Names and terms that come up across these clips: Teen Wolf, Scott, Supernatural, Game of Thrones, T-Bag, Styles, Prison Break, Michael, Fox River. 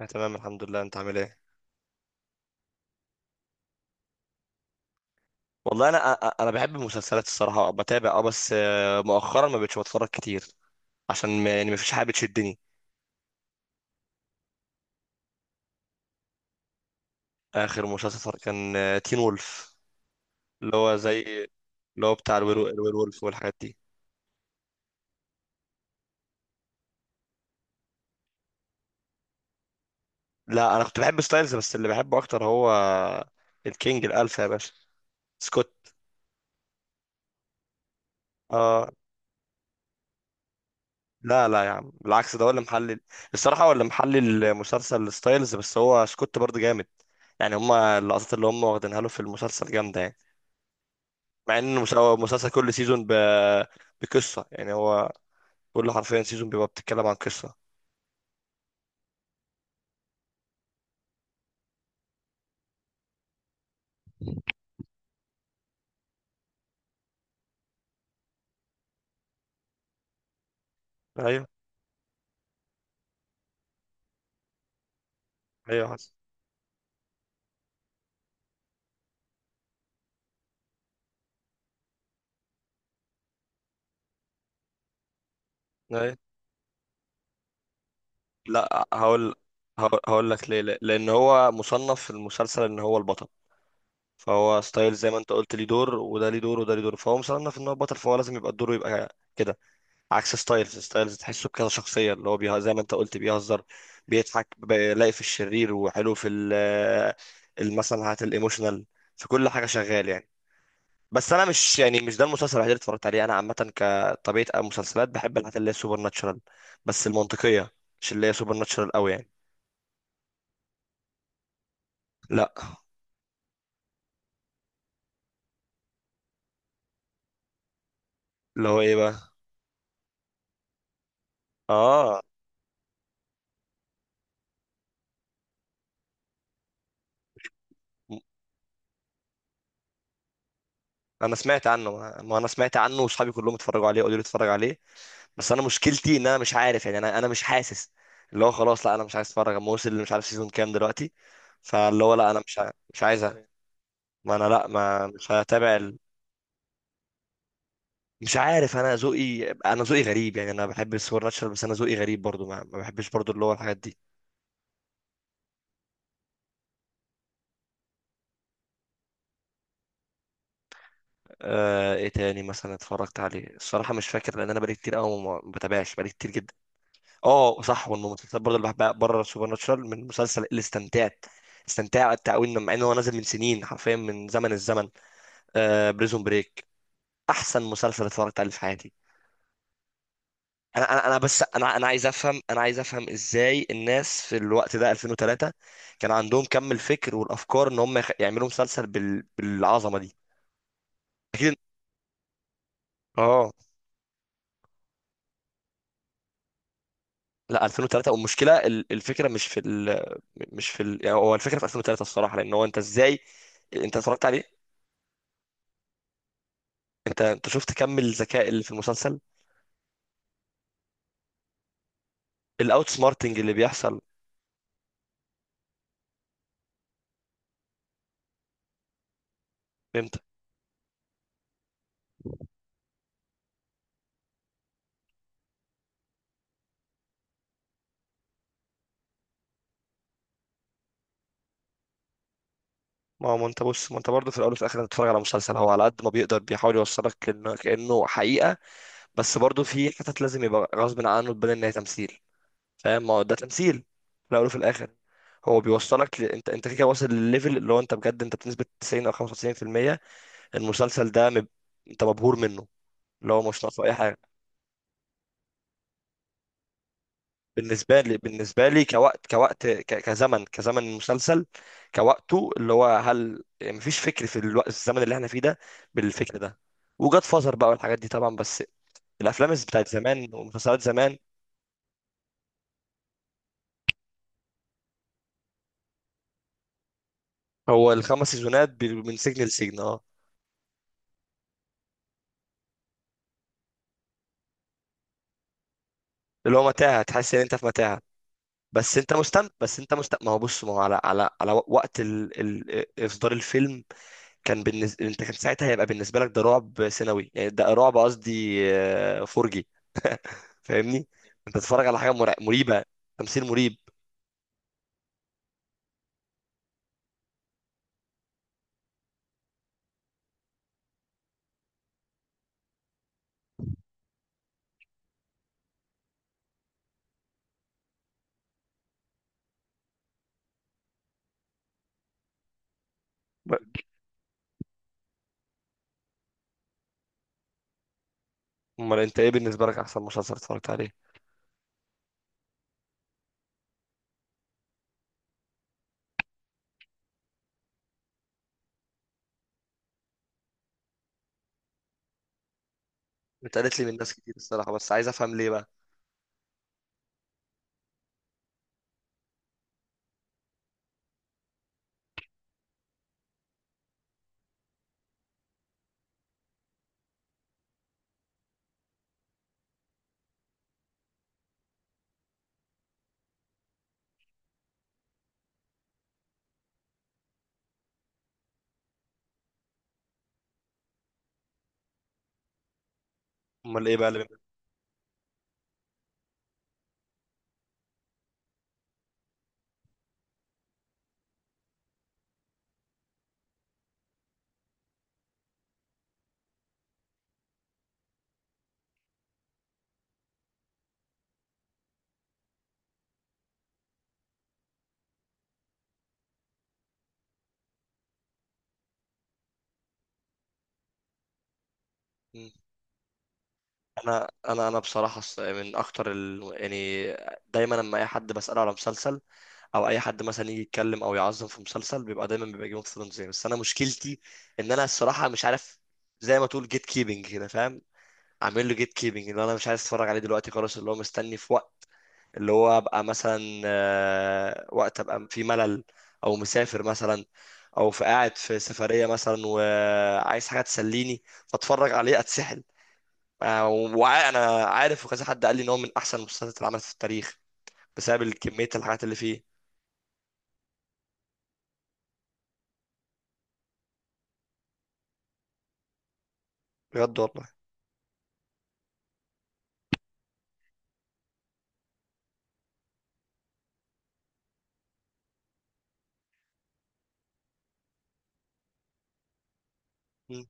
أنا تمام الحمد لله، أنت عامل إيه؟ والله أنا أنا بحب المسلسلات، الصراحة بتابع. أه بس آه، مؤخرا ما بقتش بتفرج كتير، عشان ما، يعني، ما فيش حاجة بتشدني. آخر مسلسل كان تين وولف، اللي هو زي اللي هو بتاع الوير وولف والحاجات دي. لا، أنا كنت بحب ستايلز، بس اللي بحبه أكتر هو الكينج الألفا يا باشا، سكوت. آه. لا لا يا عم، بالعكس، ده هو اللي محلل. الصراحة هو اللي محلل المسلسل ستايلز، بس هو سكوت برضه جامد، يعني هما اللقطات اللي هما واخدينها له في المسلسل جامدة يعني. مع ان هو المسلسل كل سيزون بقصه، يعني هو كل، حرفيا، سيزون بيبقى بتتكلم عن قصه. ايوه. ايوه حسن. ايوه. لا، هقول. هقول لك ليه. لان هو مصنف في المسلسل ان هو البطل، فهو ستايل زي ما انت قلت ليه دور، وده ليه دور، وده ليه دور، فهو مصنف ان هو بطل، فهو لازم يبقى الدور يبقى كده. عكس ستايلز. ستايلز تحسه كده شخصيه اللي هو زي ما انت قلت بيهزر، بيضحك، بيلاقي في الشرير، وحلو في مثلا هات الايموشنال، في كل حاجه شغال يعني. بس انا مش، يعني، مش ده المسلسل الوحيد اللي اتفرجت عليه. انا عامه كطبيعه المسلسلات بحب الحاجات اللي هي سوبر ناتشرال، بس المنطقيه، مش اللي هي سوبر ناتشرال قوي يعني. لا. اللي هو ايه بقى؟ اه. م- انا سمعت عنه، ما انا سمعت عنه واصحابي كلهم اتفرجوا عليه، قالوا لي اتفرج عليه، بس انا مشكلتي ان انا مش عارف، يعني انا، مش حاسس. اللي هو خلاص، لا انا مش عايز اتفرج، اما وصل اللي مش عارف سيزون كام دلوقتي. فاللي هو لا، انا مش عايز. ما انا لا، ما مش هتابع. مش عارف، انا ذوقي، غريب يعني، انا بحب السوبر ناتشرال، بس انا ذوقي غريب برضو، ما بحبش برضو اللي هو الحاجات دي. ايه تاني مثلا اتفرجت عليه؟ الصراحه مش فاكر، لان انا بقالي كتير قوي ما بتابعش، بقالي كتير جدا. اه صح. والمسلسلات برضو اللي بحبها بره السوبر ناتشرال، من مسلسل اللي استمتعت قوي، مع ان هو نازل من سنين، حرفيا من زمن الزمن، بريزون بريك. احسن مسلسل اتفرجت عليه في حياتي. انا انا أنا بس انا انا عايز افهم. ازاي الناس في الوقت ده 2003 كان عندهم كم الفكر والافكار ان هم يعملوا مسلسل بالعظمه دي. اكيد. اه. لا، 2003. والمشكله الفكره مش في ال... مش في ال... يعني هو الفكره في 2003 الصراحه، لان هو انت ازاي؟ انت اتفرجت عليه؟ انت شفت كم الذكاء اللي في المسلسل، الاوت سمارتنج اللي بيحصل. فهمت؟ ما هو، ما انت بص، ما انت برضه في الاول وفي الاخر انت بتتفرج على مسلسل، هو على قد ما بيقدر بيحاول يوصلك كأنه حقيقة، بس برضه في حتت لازم يبقى غصب عنه تبان ان هي تمثيل. فاهم؟ ما هو ده تمثيل في الاول وفي الاخر. هو انت كده واصل لليفل اللي هو انت بجد انت بنسبة 90 او 95%. المسلسل ده انت مبهور منه. اللي هو مش ناقصه اي حاجة بالنسبه لي. بالنسبه لي كوقت، كزمن المسلسل، كوقته، اللي هو هل يعني مفيش فكر في الوقت الزمن اللي احنا فيه ده بالفكر ده، وجاد فازر بقى والحاجات دي طبعا، بس الافلام بتاعت زمان ومسلسلات زمان. هو الخمس سيزونات من سجن لسجن، اه. اللي هو متاهه، تحس ان انت في متاهه، بس انت مستمتع. بس انت مستمتع، ما هو بص، ما هو على، على وقت اصدار الفيلم، كان بالنسبه انت كان ساعتها هيبقى بالنسبه لك ده رعب سنوي، يعني ده رعب قصدي فرجي، فاهمني؟ انت تتفرج على حاجه مريبه، تمثيل مريب. ب- امال انت ايه بالنسبه لك احسن مسلسل اتفرجت عليه؟ اتقالت لي من ناس كتير الصراحه، بس عايز افهم ليه بقى. امال ايه بقى اللي؟ مم. انا، بصراحه من اكتر يعني دايما لما اي حد بساله على مسلسل، او اي حد مثلا يجي يتكلم او يعظم في مسلسل، بيبقى دايما بيبقى جيم اوف ثرونز، بس انا مشكلتي ان انا الصراحه مش عارف، زي ما تقول جيت كيبنج كده، فاهم؟ عامل له جيت كيبنج، اللي انا مش عايز اتفرج عليه دلوقتي خلاص، اللي هو مستني في وقت، اللي هو ابقى مثلا وقت ابقى في ملل، او مسافر مثلا، او في قاعد في سفريه مثلا وعايز حاجه تسليني فاتفرج عليه اتسحل. وانا عارف، وكذا حد قال لي ان هو من احسن المسلسلات اللي عملت في التاريخ، بسبب كميه الحاجات اللي فيه. بجد والله. مم.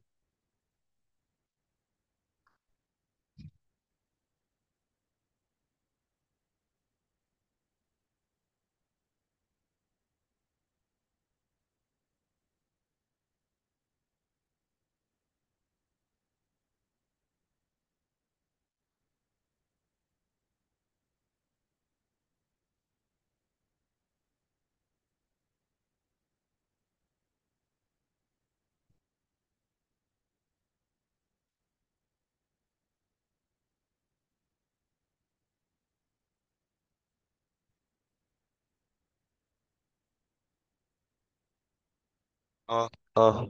اه. اه.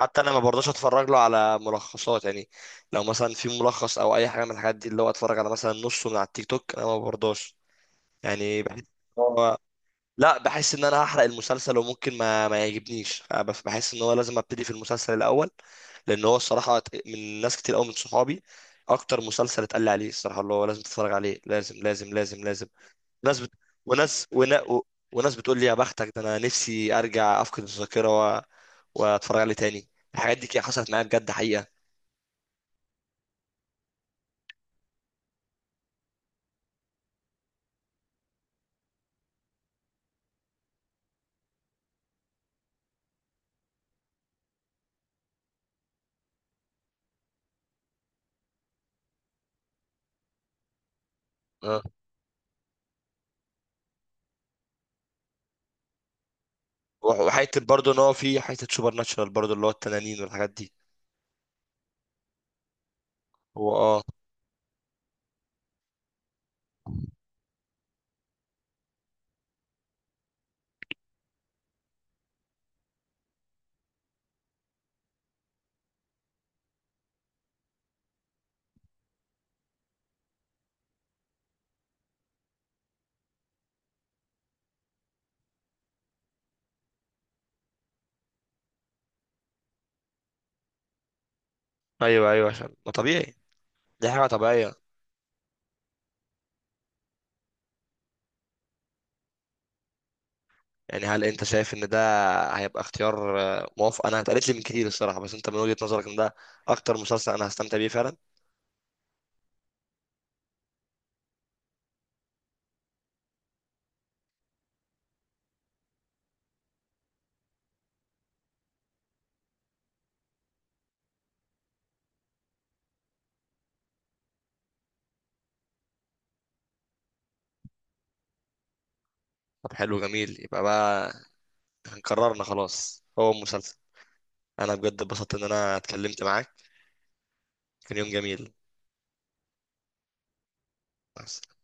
حتى انا ما برضاش اتفرج له على ملخصات، يعني لو مثلا في ملخص او اي حاجه من الحاجات دي اللي هو اتفرج على مثلا نصه من على التيك توك، انا ما برضاش، يعني بحس، لا بحس ان انا هحرق المسلسل وممكن ما يعجبنيش. أنا بحس ان هو لازم ابتدي في المسلسل الاول، لان هو الصراحه من ناس كتير قوي من صحابي، اكتر مسلسل اتقال لي عليه الصراحه اللي هو لازم تتفرج عليه، لازم لازم لازم لازم. ناس بت... وناس ونا... و... وناس بتقول لي يا بختك، ده انا نفسي ارجع افقد الذاكره واتفرج عليه تاني. الحاجات دي كده حصلت معايا بجد حقيقه. اه. وحته برضه ان هو في حته سوبر ناتشرال برضه اللي هو التنانين والحاجات دي. هو. اه. ايوه ايوه، عشان ما طبيعي، دي حاجه طبيعيه. يعني هل انت شايف ان ده هيبقى اختيار موافق؟ انا اتقالت لي من كتير الصراحه، بس انت من وجهة نظرك ان ده اكتر مسلسل انا هستمتع بيه فعلا؟ طب حلو جميل، يبقى بقى قررنا خلاص هو المسلسل. انا بجد اتبسطت ان انا اتكلمت معاك، كان يوم جميل. مع السلامة.